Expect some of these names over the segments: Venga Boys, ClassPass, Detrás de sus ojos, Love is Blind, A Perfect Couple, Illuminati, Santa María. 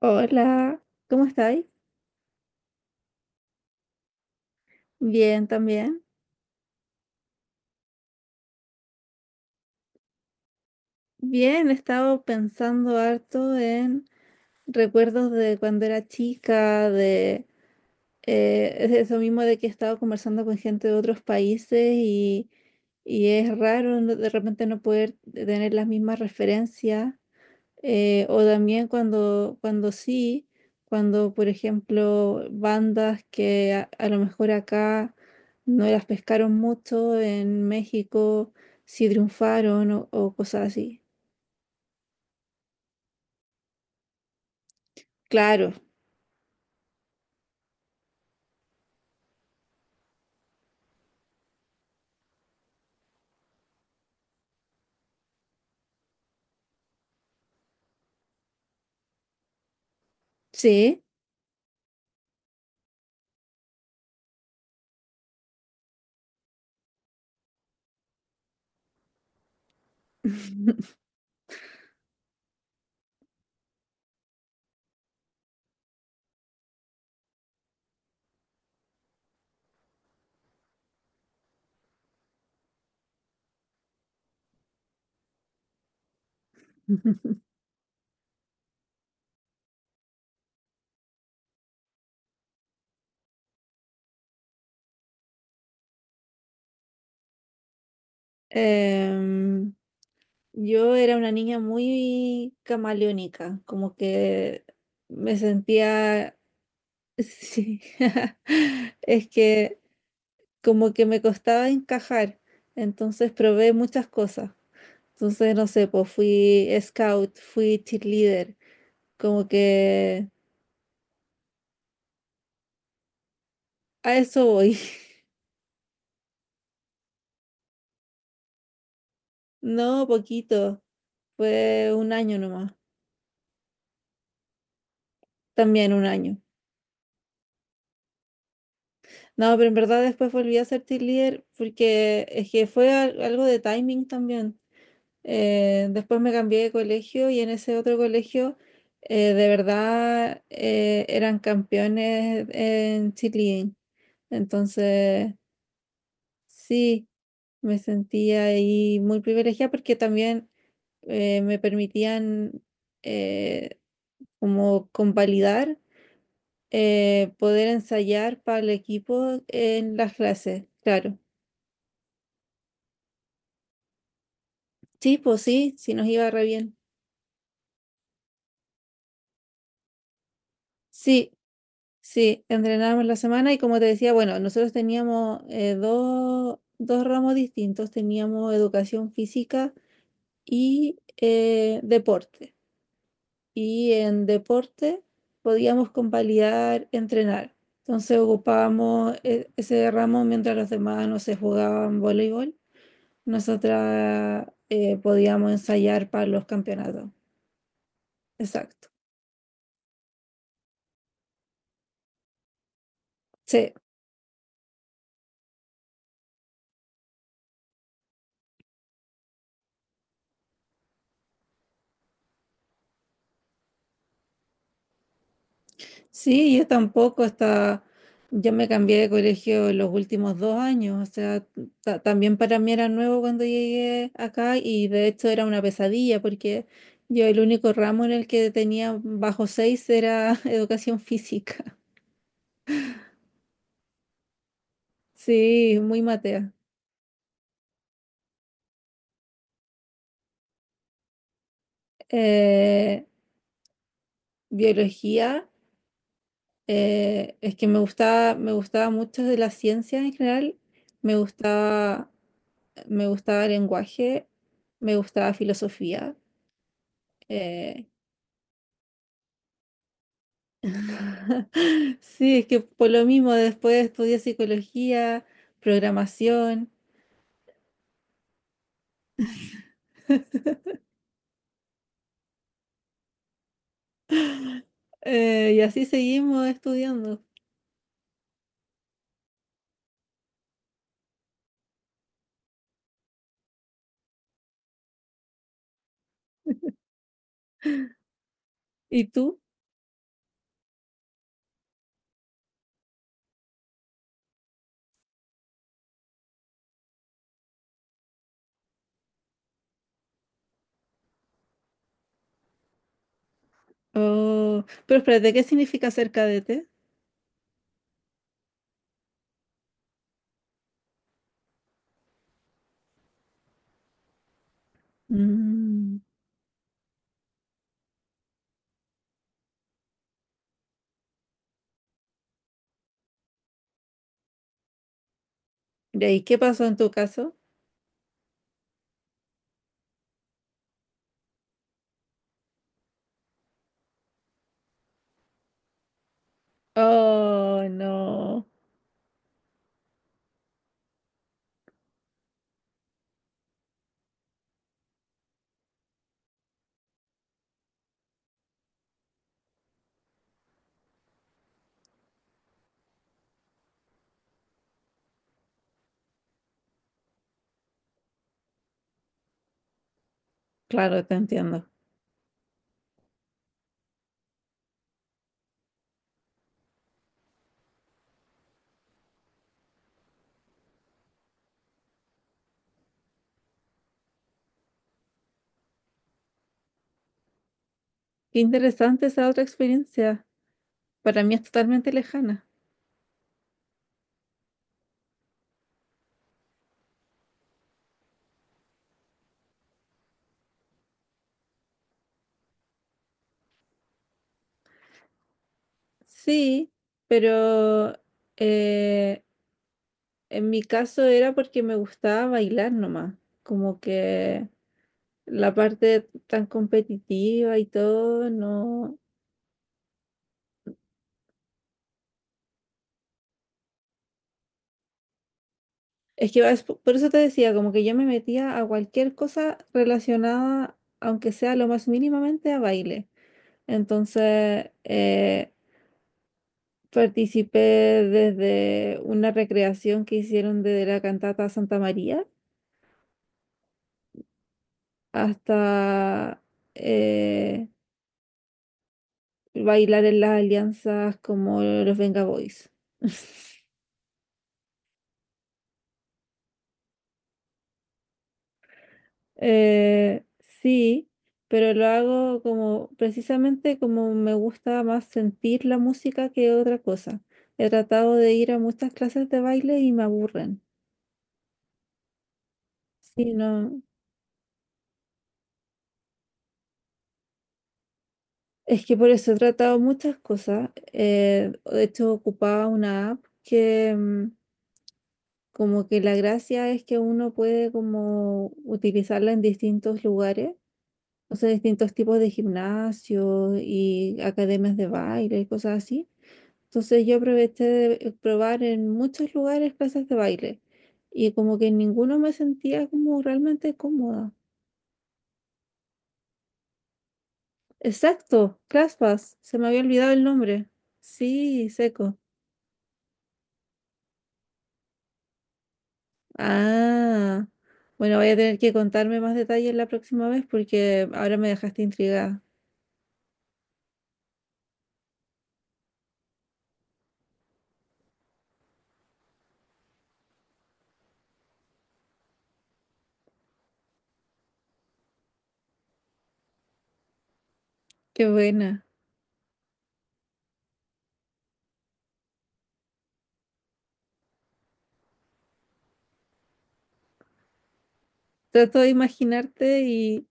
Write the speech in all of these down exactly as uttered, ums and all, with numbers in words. Hola, ¿cómo estáis? Bien, también. Bien, he estado pensando harto en recuerdos de cuando era chica, de eh, es eso mismo de que he estado conversando con gente de otros países y, y es raro no- de repente no poder tener las mismas referencias. Eh, o también cuando, cuando sí, cuando por ejemplo bandas que a, a lo mejor acá no las pescaron mucho, en México sí triunfaron o, o cosas así. Claro, sí. Em, yo era una niña muy camaleónica, como que me sentía, sí, es que, como que me costaba encajar, entonces probé muchas cosas. Entonces, no sé, pues fui scout, fui cheerleader, como que a eso voy. No, poquito, fue un año nomás, también un año. No, pero en verdad después volví a ser cheerleader porque es que fue al- algo de timing también. Eh, después me cambié de colegio y en ese otro colegio eh, de verdad eh, eran campeones en Chile. Entonces, sí, me sentía ahí muy privilegiada porque también eh, me permitían eh, como convalidar, eh, poder ensayar para el equipo en las clases, claro. Sí, pues sí, sí nos iba re bien. Sí, sí, entrenábamos la semana y como te decía, bueno, nosotros teníamos eh, dos, dos ramos distintos, teníamos educación física y eh, deporte. Y en deporte podíamos convalidar, entrenar. Entonces ocupábamos e- ese ramo mientras los demás no se jugaban voleibol. Nosotras eh, podíamos ensayar para los campeonatos. Exacto. Sí, sí, yo tampoco, hasta yo me cambié de colegio los últimos dos años, o sea, ta- también para mí era nuevo cuando llegué acá y de hecho era una pesadilla porque yo el único ramo en el que tenía bajo seis era educación física. Sí, muy matea. Eh, Biología, eh, es que me gustaba, me gustaba, mucho de la ciencia en general, me gustaba, me gustaba lenguaje, me gustaba filosofía. Eh, sí, es que por lo mismo después estudié psicología, programación, eh, y así seguimos estudiando. ¿Y tú? Oh, pero espérate, ¿qué significa ser cadete? Mm, ya, ¿y ahí qué pasó en tu caso? Oh, no. Claro, te entiendo. Qué interesante esa otra experiencia. Para mí es totalmente lejana. Sí, pero eh, en mi caso era porque me gustaba bailar nomás, como que la parte tan competitiva y todo, no. Es que es po- por eso te decía, como que yo me metía a cualquier cosa relacionada, aunque sea lo más mínimamente, a baile. Entonces, eh, participé desde una recreación que hicieron de la cantata Santa María hasta eh, bailar en las alianzas como los Venga Boys. Eh, sí, pero lo hago como precisamente como me gusta más sentir la música que otra cosa. He tratado de ir a muchas clases de baile y me aburren. Sí, no. Es que por eso he tratado muchas cosas. Eh, de hecho, ocupaba una app que mm, como que la gracia es que uno puede como utilizarla en distintos lugares. O sea, distintos tipos de gimnasio y academias de baile y cosas así. Entonces yo aproveché de eh, probar en muchos lugares clases de baile y como que en ninguno me sentía como realmente cómoda. Exacto, ClassPass, se me había olvidado el nombre. Sí, seco. Ah, bueno, voy a tener que contarme más detalles la próxima vez porque ahora me dejaste intrigada. Qué buena. Trato de imaginarte y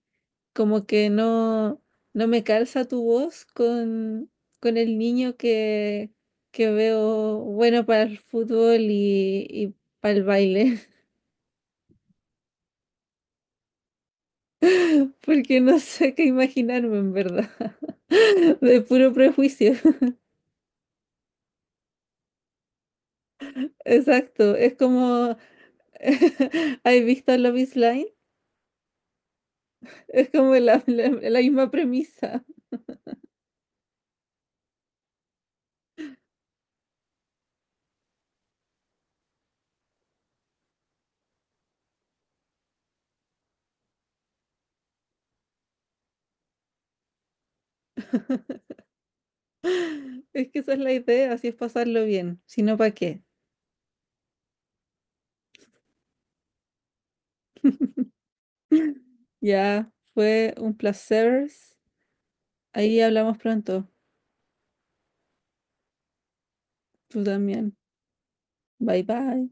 como que no, no me calza tu voz con, con el niño que, que veo bueno para el fútbol y, y para el baile, porque no sé qué imaginarme en verdad, de puro prejuicio. Exacto, es como, ¿has visto Love is Blind? Es como la, la, la misma premisa. Es que esa es la idea, así es pasarlo bien, si no, ¿para qué? Ya fue un placer. Ahí hablamos pronto. Tú también. Bye bye.